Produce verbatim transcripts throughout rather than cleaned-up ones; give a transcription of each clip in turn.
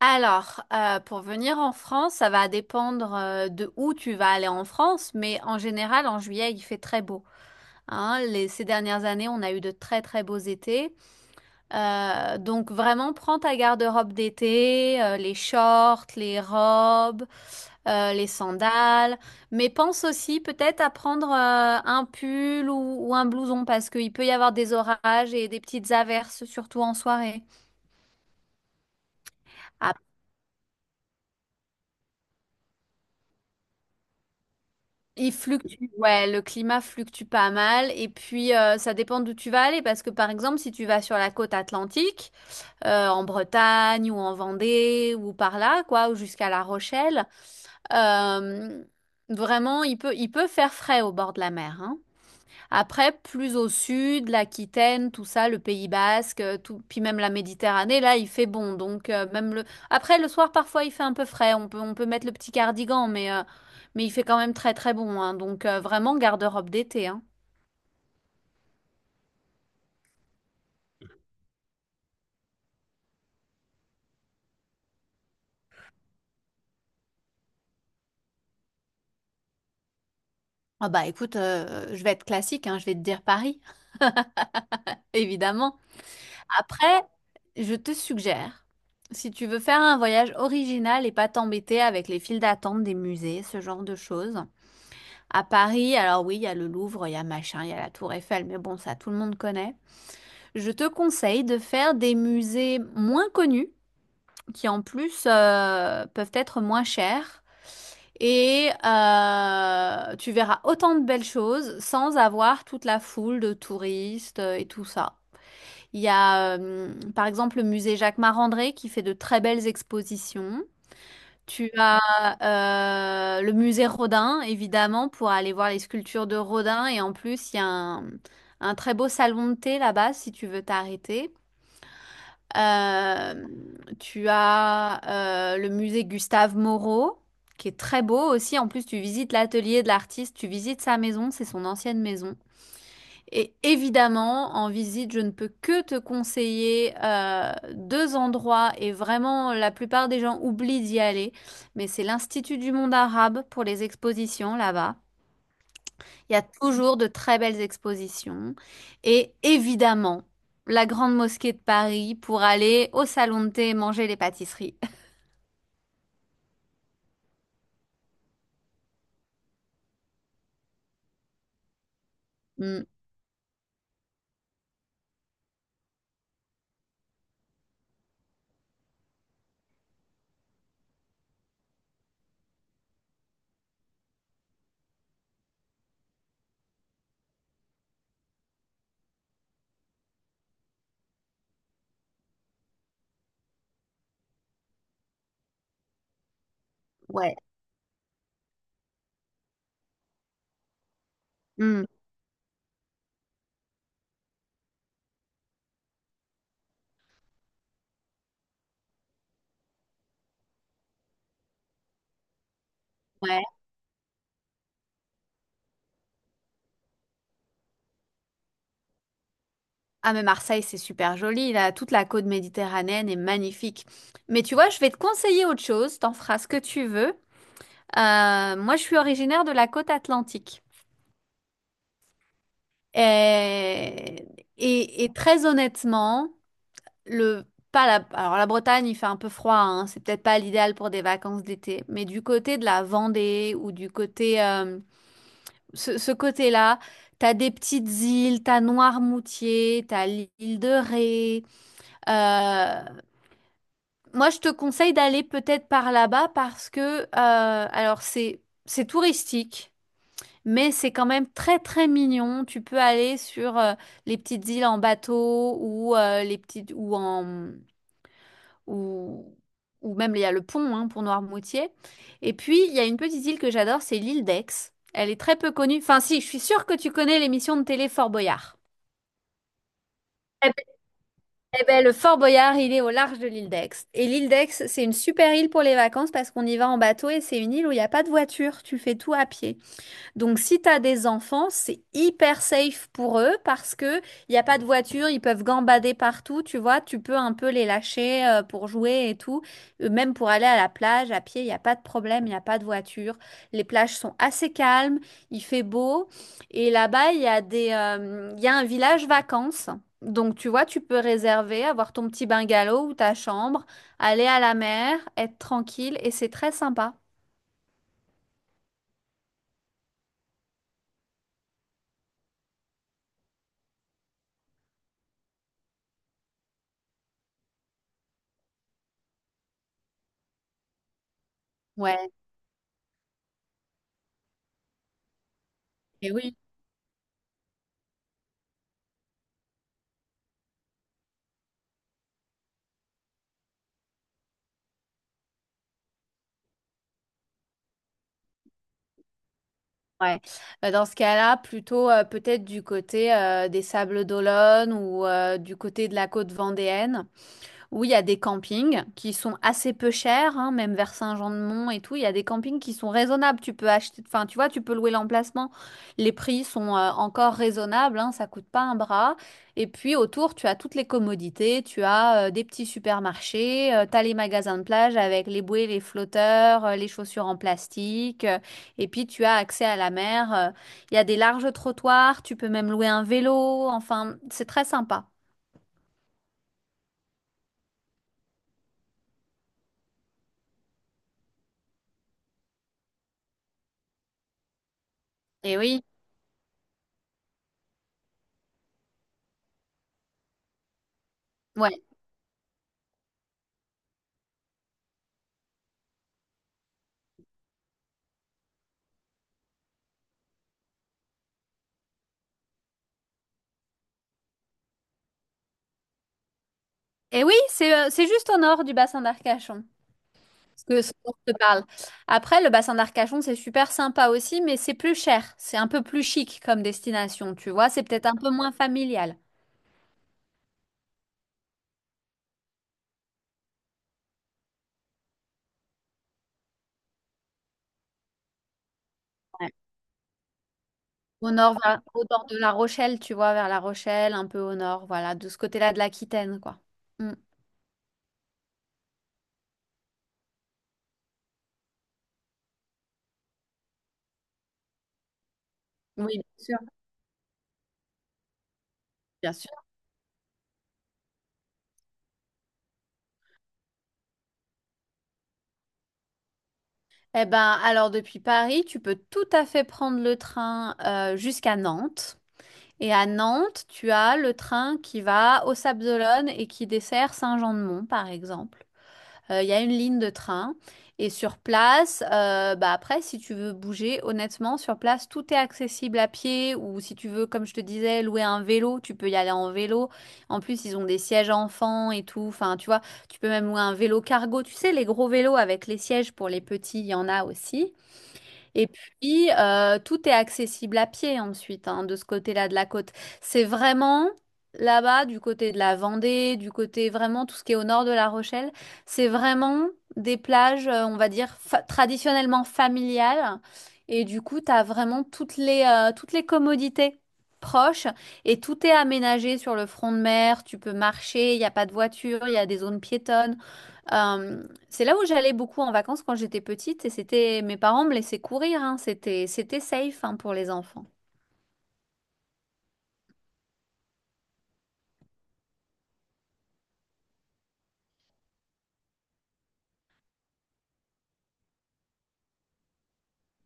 Alors, euh, pour venir en France, ça va dépendre euh, de où tu vas aller en France, mais en général, en juillet, il fait très beau, hein. Les- ces dernières années, on a eu de très très beaux étés. Euh, donc vraiment, prends ta garde-robe d'été, euh, les shorts, les robes, euh, les sandales, mais pense aussi peut-être à prendre euh, un pull ou, ou un blouson parce qu'il peut y avoir des orages et des petites averses, surtout en soirée. Il fluctue, ouais, le climat fluctue pas mal et puis euh, ça dépend d'où tu vas aller parce que par exemple si tu vas sur la côte atlantique, euh, en Bretagne ou en Vendée ou par là quoi, ou jusqu'à La Rochelle, euh, vraiment il peut, il peut faire frais au bord de la mer, hein. Après, plus au sud, l'Aquitaine, tout ça, le Pays Basque, euh, tout, puis même la Méditerranée, là, il fait bon. Donc euh, même le après le soir, parfois, il fait un peu frais. On peut on peut mettre le petit cardigan, mais euh, mais il fait quand même très très bon, hein. Donc euh, vraiment garde-robe d'été, hein. Ah bah écoute, euh, je vais être classique, hein, je vais te dire Paris, évidemment. Après, je te suggère, si tu veux faire un voyage original et pas t'embêter avec les files d'attente des musées, ce genre de choses. À Paris, alors oui, il y a le Louvre, il y a machin, il y a la Tour Eiffel, mais bon, ça tout le monde connaît. Je te conseille de faire des musées moins connus, qui en plus euh, peuvent être moins chers, et euh, tu verras autant de belles choses sans avoir toute la foule de touristes euh, et tout ça. Il y a euh, par exemple le musée Jacques Marandré qui fait de très belles expositions. Tu as euh, le musée Rodin, évidemment, pour aller voir les sculptures de Rodin. Et en plus, il y a un, un très beau salon de thé là-bas, si tu veux t'arrêter. Euh, tu as euh, le musée Gustave Moreau, qui est très beau aussi. En plus, tu visites l'atelier de l'artiste, tu visites sa maison, c'est son ancienne maison. Et évidemment, en visite, je ne peux que te conseiller euh, deux endroits et vraiment la plupart des gens oublient d'y aller. Mais c'est l'Institut du monde arabe pour les expositions là-bas. Il y a toujours de très belles expositions. Et évidemment, la Grande Mosquée de Paris pour aller au salon de thé et manger les pâtisseries. Mm, ouais. Mm, ouais. Ah mais Marseille, c'est super joli, là, toute la côte méditerranéenne est magnifique. Mais tu vois, je vais te conseiller autre chose, t'en feras ce que tu veux. Euh, moi, je suis originaire de la côte atlantique. Et, et, et très honnêtement, le, pas la, alors la Bretagne, il fait un peu froid, hein, c'est peut-être pas l'idéal pour des vacances d'été, mais du côté de la Vendée ou du côté, euh, ce, ce côté-là, t'as des petites îles, t'as Noirmoutier, t'as l'île de Ré. Euh, Moi, je te conseille d'aller peut-être par là-bas parce que, euh, alors c'est c'est touristique, mais c'est quand même très très mignon. Tu peux aller sur euh, les petites îles en bateau ou euh, les petites ou en ou ou même il y a le pont hein, pour Noirmoutier. Et puis il y a une petite île que j'adore, c'est l'île d'Aix. Elle est très peu connue. Enfin, si, je suis sûre que tu connais l'émission de télé Fort Boyard. Eh Eh ben, le Fort Boyard, il est au large de l'île d'Aix. Et l'île d'Aix, c'est une super île pour les vacances parce qu'on y va en bateau et c'est une île où il n'y a pas de voiture. Tu fais tout à pied. Donc, si tu as des enfants, c'est hyper safe pour eux parce que il n'y a pas de voiture, ils peuvent gambader partout, tu vois, tu peux un peu les lâcher euh, pour jouer et tout. Euh, Même pour aller à la plage, à pied, il n'y a pas de problème, il n'y a pas de voiture. Les plages sont assez calmes, il fait beau. Et là-bas, il y a des, euh, il y a un village vacances. Donc, tu vois, tu peux réserver, avoir ton petit bungalow ou ta chambre, aller à la mer, être tranquille et c'est très sympa. Ouais. Et oui. Ouais. Bah, dans ce cas-là, plutôt euh, peut-être du côté euh, des Sables d'Olonne ou euh, du côté de la côte vendéenne. Oui, il y a des campings qui sont assez peu chers, hein, même vers Saint-Jean-de-Mont et tout. Il y a des campings qui sont raisonnables. Tu peux acheter, enfin, tu vois, tu peux louer l'emplacement. Les prix sont euh, encore raisonnables, hein, ça coûte pas un bras. Et puis autour, tu as toutes les commodités. Tu as euh, des petits supermarchés, euh, tu as les magasins de plage avec les bouées, les flotteurs, euh, les chaussures en plastique, euh, et puis tu as accès à la mer. Euh, Il y a des larges trottoirs. Tu peux même louer un vélo. Enfin, c'est très sympa. Et oui. Ouais. Et oui, c'est euh, c'est juste au nord du bassin d'Arcachon, ce que ce dont je te parle. Après, le bassin d'Arcachon, c'est super sympa aussi, mais c'est plus cher. C'est un peu plus chic comme destination, tu vois. C'est peut-être un peu moins familial. Ouais. Au nord, vers- au nord de La Rochelle, tu vois, vers La Rochelle, un peu au nord, voilà, de ce côté-là de l'Aquitaine, quoi. Mm. Oui, bien sûr, bien sûr. Eh ben, alors depuis Paris, tu peux tout à fait prendre le train euh, jusqu'à Nantes. Et à Nantes, tu as le train qui va aux Sables-d'Olonne et qui dessert Saint-Jean-de-Mont, par exemple. Euh, Il y a une ligne de train. Et sur place, euh, bah après, si tu veux bouger, honnêtement, sur place, tout est accessible à pied. Ou si tu veux, comme je te disais, louer un vélo, tu peux y aller en vélo. En plus, ils ont des sièges enfants et tout. Enfin, tu vois, tu peux même louer un vélo cargo. Tu sais, les gros vélos avec les sièges pour les petits, il y en a aussi. Et puis, euh, tout est accessible à pied ensuite, hein, de ce côté-là de la côte. C'est vraiment là-bas, du côté de la Vendée, du côté vraiment tout ce qui est au nord de La Rochelle, c'est vraiment des plages, euh, on va dire, fa- traditionnellement familiales. Et du coup, tu as vraiment toutes les, euh, toutes les commodités proches et tout est aménagé sur le front de mer. Tu peux marcher, il n'y a pas de voiture, il y a des zones piétonnes. Euh, c'est là où j'allais beaucoup en vacances quand j'étais petite et c'était mes parents me laissaient courir, hein. C'était c'était safe hein, pour les enfants.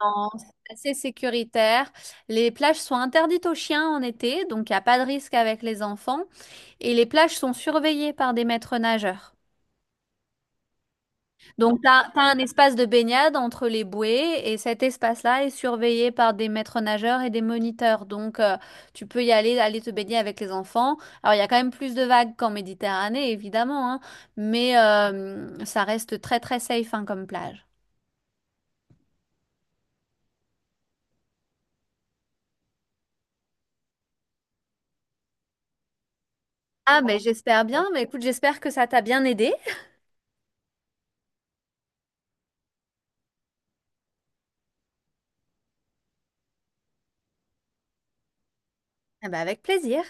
Non, c'est assez sécuritaire. Les plages sont interdites aux chiens en été, donc il n'y a pas de risque avec les enfants. Et les plages sont surveillées par des maîtres nageurs. Donc, tu as un espace de baignade entre les bouées et cet espace-là est surveillé par des maîtres nageurs et des moniteurs. Donc, euh, tu peux y aller, aller te baigner avec les enfants. Alors, il y a quand même plus de vagues qu'en Méditerranée, évidemment, hein, mais euh, ça reste très, très safe hein, comme plage. Ah, mais j'espère bien. Mais écoute, j'espère que ça t'a bien aidé. Ah ben, avec plaisir.